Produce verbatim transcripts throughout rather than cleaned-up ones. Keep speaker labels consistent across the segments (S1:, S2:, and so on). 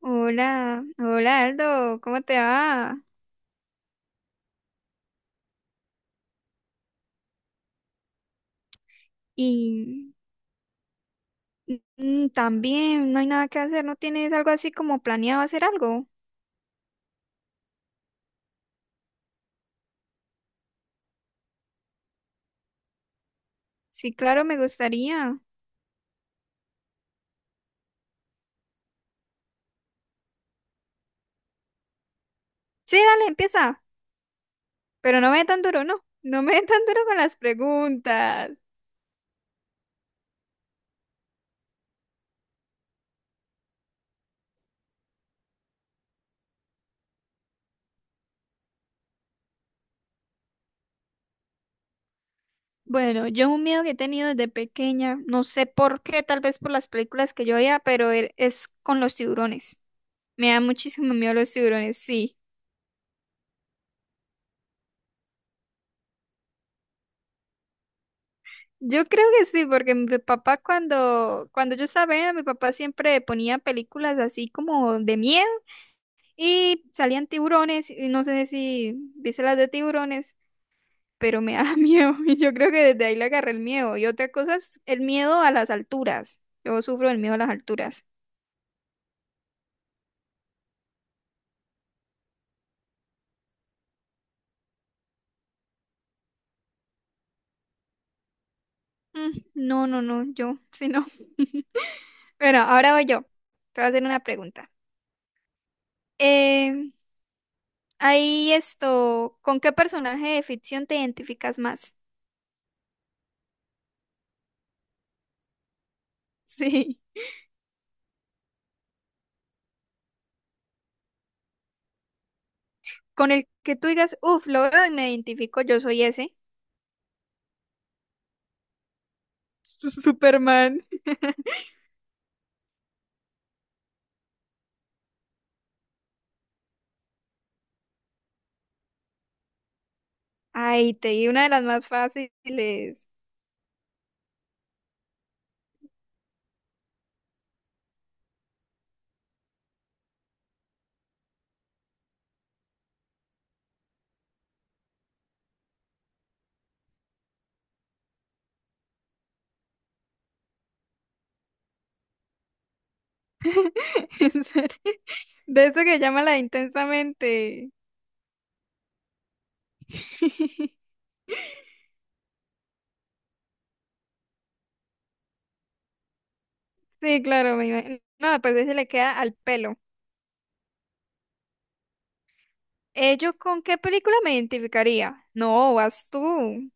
S1: Hola, hola Aldo, ¿cómo te va? Y mm, mm, también no hay nada que hacer, ¿no tienes algo así como planeado hacer algo? Sí, claro, me gustaría. Sí, dale, empieza, pero no me dé tan duro, no, no me dé tan duro con las preguntas. Bueno, yo un miedo que he tenido desde pequeña, no sé por qué, tal vez por las películas que yo veía, pero er- es con los tiburones. Me da muchísimo miedo los tiburones, sí. Yo creo que sí, porque mi papá cuando, cuando yo estaba, pequeña, mi papá siempre ponía películas así como de miedo y salían tiburones y no sé si viste las de tiburones, pero me da miedo y yo creo que desde ahí le agarré el miedo. Y otra cosa es el miedo a las alturas. Yo sufro el miedo a las alturas. Mm, no, no, no, yo, sí, no. Bueno, ahora voy yo. Te voy a hacer una pregunta. Eh, ahí esto, ¿con qué personaje de ficción te identificas más? Sí. Con el que tú digas, uff, lo veo y me identifico, yo soy ese. Su- Superman. Ay, te di una de las más fáciles. En serio. De eso que llama la de intensamente. Sí, claro, me imagino. No, pues ese le queda al pelo. Eh, ¿Yo con qué película me identificaría? No, vas tú.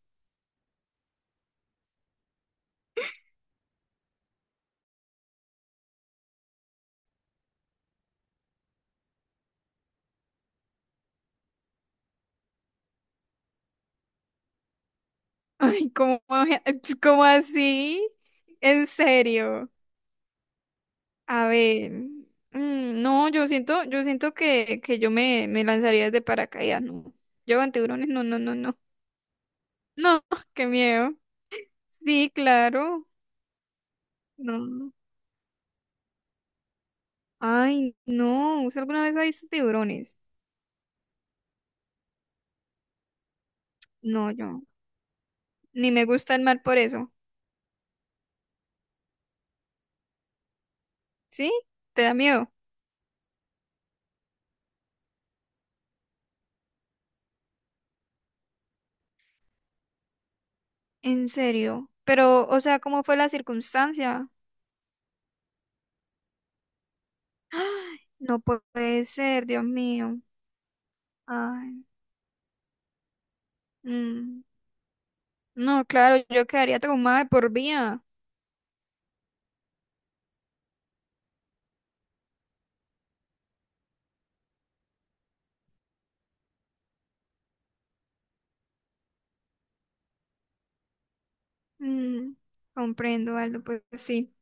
S1: Ay, ¿cómo, voy a- cómo así? En serio. A ver, mm, no, yo siento, yo siento que, que yo me, me lanzaría desde paracaídas, no. Yo con tiburones, no, no, no, no. No, qué miedo. Sí, claro. No, no. Ay, no. ¿Usted alguna vez ha visto tiburones? No, yo. Ni me gusta el mar por eso. ¿Sí? ¿Te da miedo? En serio. Pero, o sea, ¿cómo fue la circunstancia? Ay, no puede ser, Dios mío. Ay. mm. No, claro, yo quedaría traumada de por vida. Mm, comprendo, Aldo, pues sí.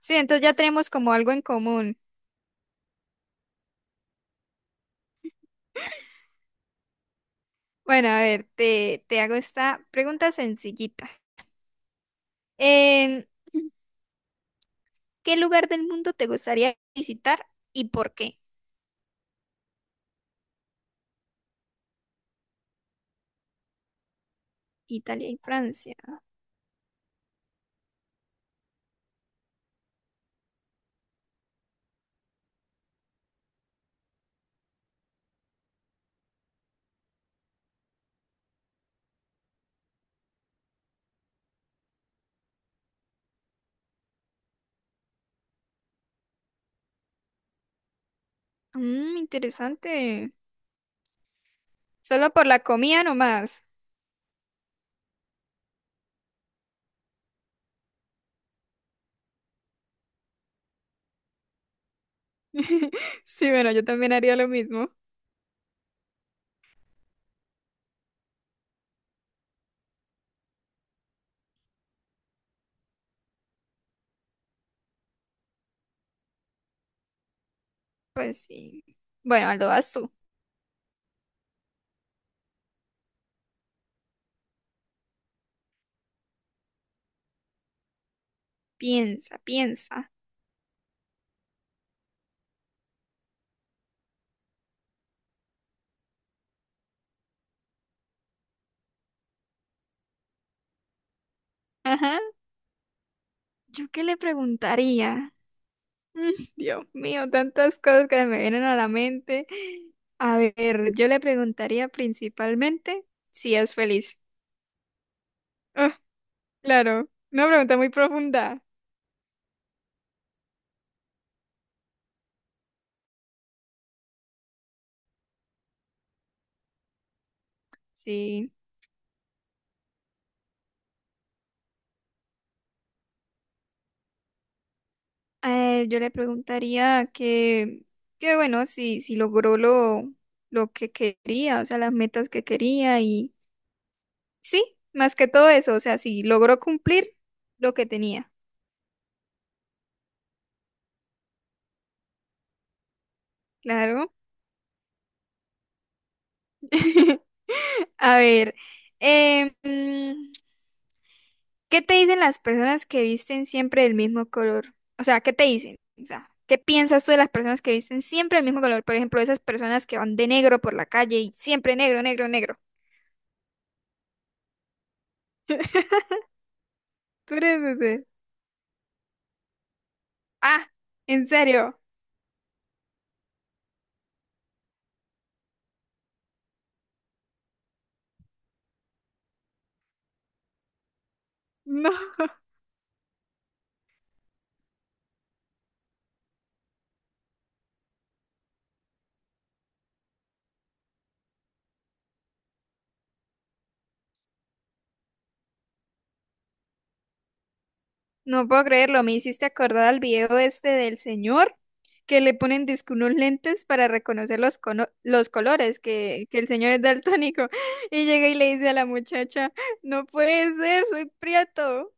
S1: Sí, entonces ya tenemos como algo en común. Bueno, a ver, te, te hago esta pregunta sencillita. Em, ¿qué lugar del mundo te gustaría visitar y por qué? Italia y Francia. Mm, interesante. Solo por la comida nomás. Sí, bueno, yo también haría lo mismo. Pues sí. Bueno, Aldo, vas tú. Piensa, piensa. Ajá. ¿Yo qué le preguntaría? Mm, Dios mío, tantas cosas que me vienen a la mente. A ver, yo le preguntaría principalmente si es feliz. Ah, claro, una pregunta muy profunda. Sí. Eh, yo le preguntaría que, que bueno, si, si logró lo, lo que quería, o sea, las metas que quería y sí, más que todo eso, o sea, si logró cumplir lo que tenía. Claro. A ver, eh, ¿qué te dicen las personas que visten siempre del mismo color? O sea, ¿qué te dicen? O sea, ¿qué piensas tú de las personas que visten siempre el mismo color? Por ejemplo, esas personas que van de negro por la calle y siempre negro, negro, negro. Tú eres ese. Ah, ¿en serio? No. No puedo creerlo, me hiciste acordar al video este del señor que le ponen disque unos lentes para reconocer los, cono- los colores, que, que el señor es daltónico. Y llega y le dice a la muchacha, no puede ser, soy prieto.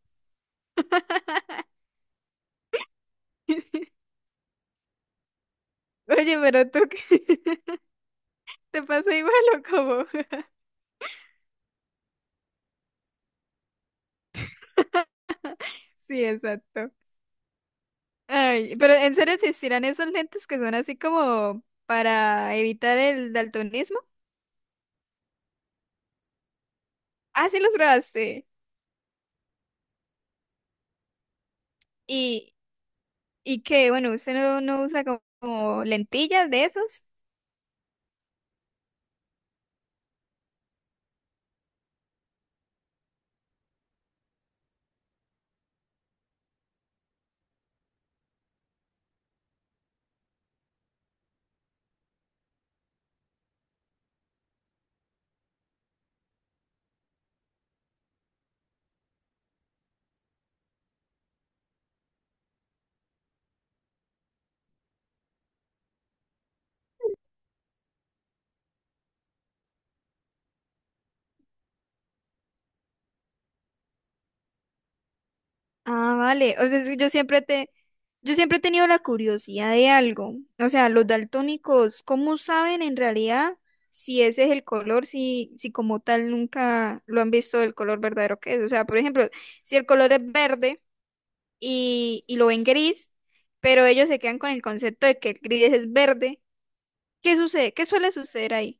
S1: Oye, pero tú qué- ¿te pasó igual o cómo? Sí, exacto. Ay, pero ¿en serio existirán esos lentes que son así como para evitar el daltonismo? Ah, sí los probaste. Y, y qué bueno, usted no, no usa como, como lentillas de esos. Ah, vale. O sea, es yo siempre te, Yo siempre he tenido la curiosidad de algo. O sea, los daltónicos, ¿cómo saben en realidad si ese es el color, si, si como tal nunca lo han visto el color verdadero que es? O sea, por ejemplo, si el color es verde y, y lo ven gris, pero ellos se quedan con el concepto de que el gris es verde, ¿qué sucede? ¿Qué suele suceder ahí?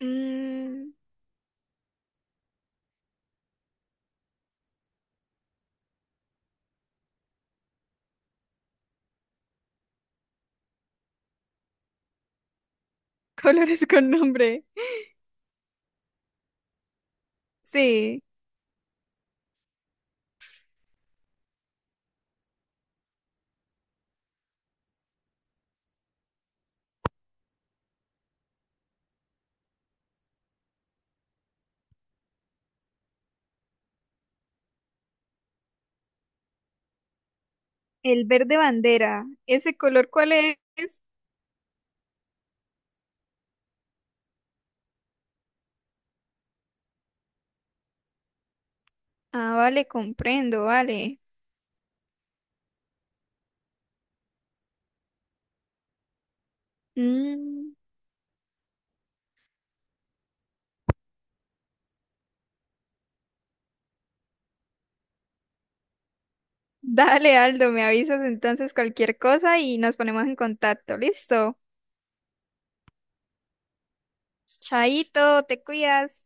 S1: Mm, colores con nombre. Sí, el verde bandera. ¿Ese color cuál es? Ah, vale, comprendo, vale. Mm. Dale, Aldo, me avisas entonces cualquier cosa y nos ponemos en contacto. Listo. Chaito, te cuidas.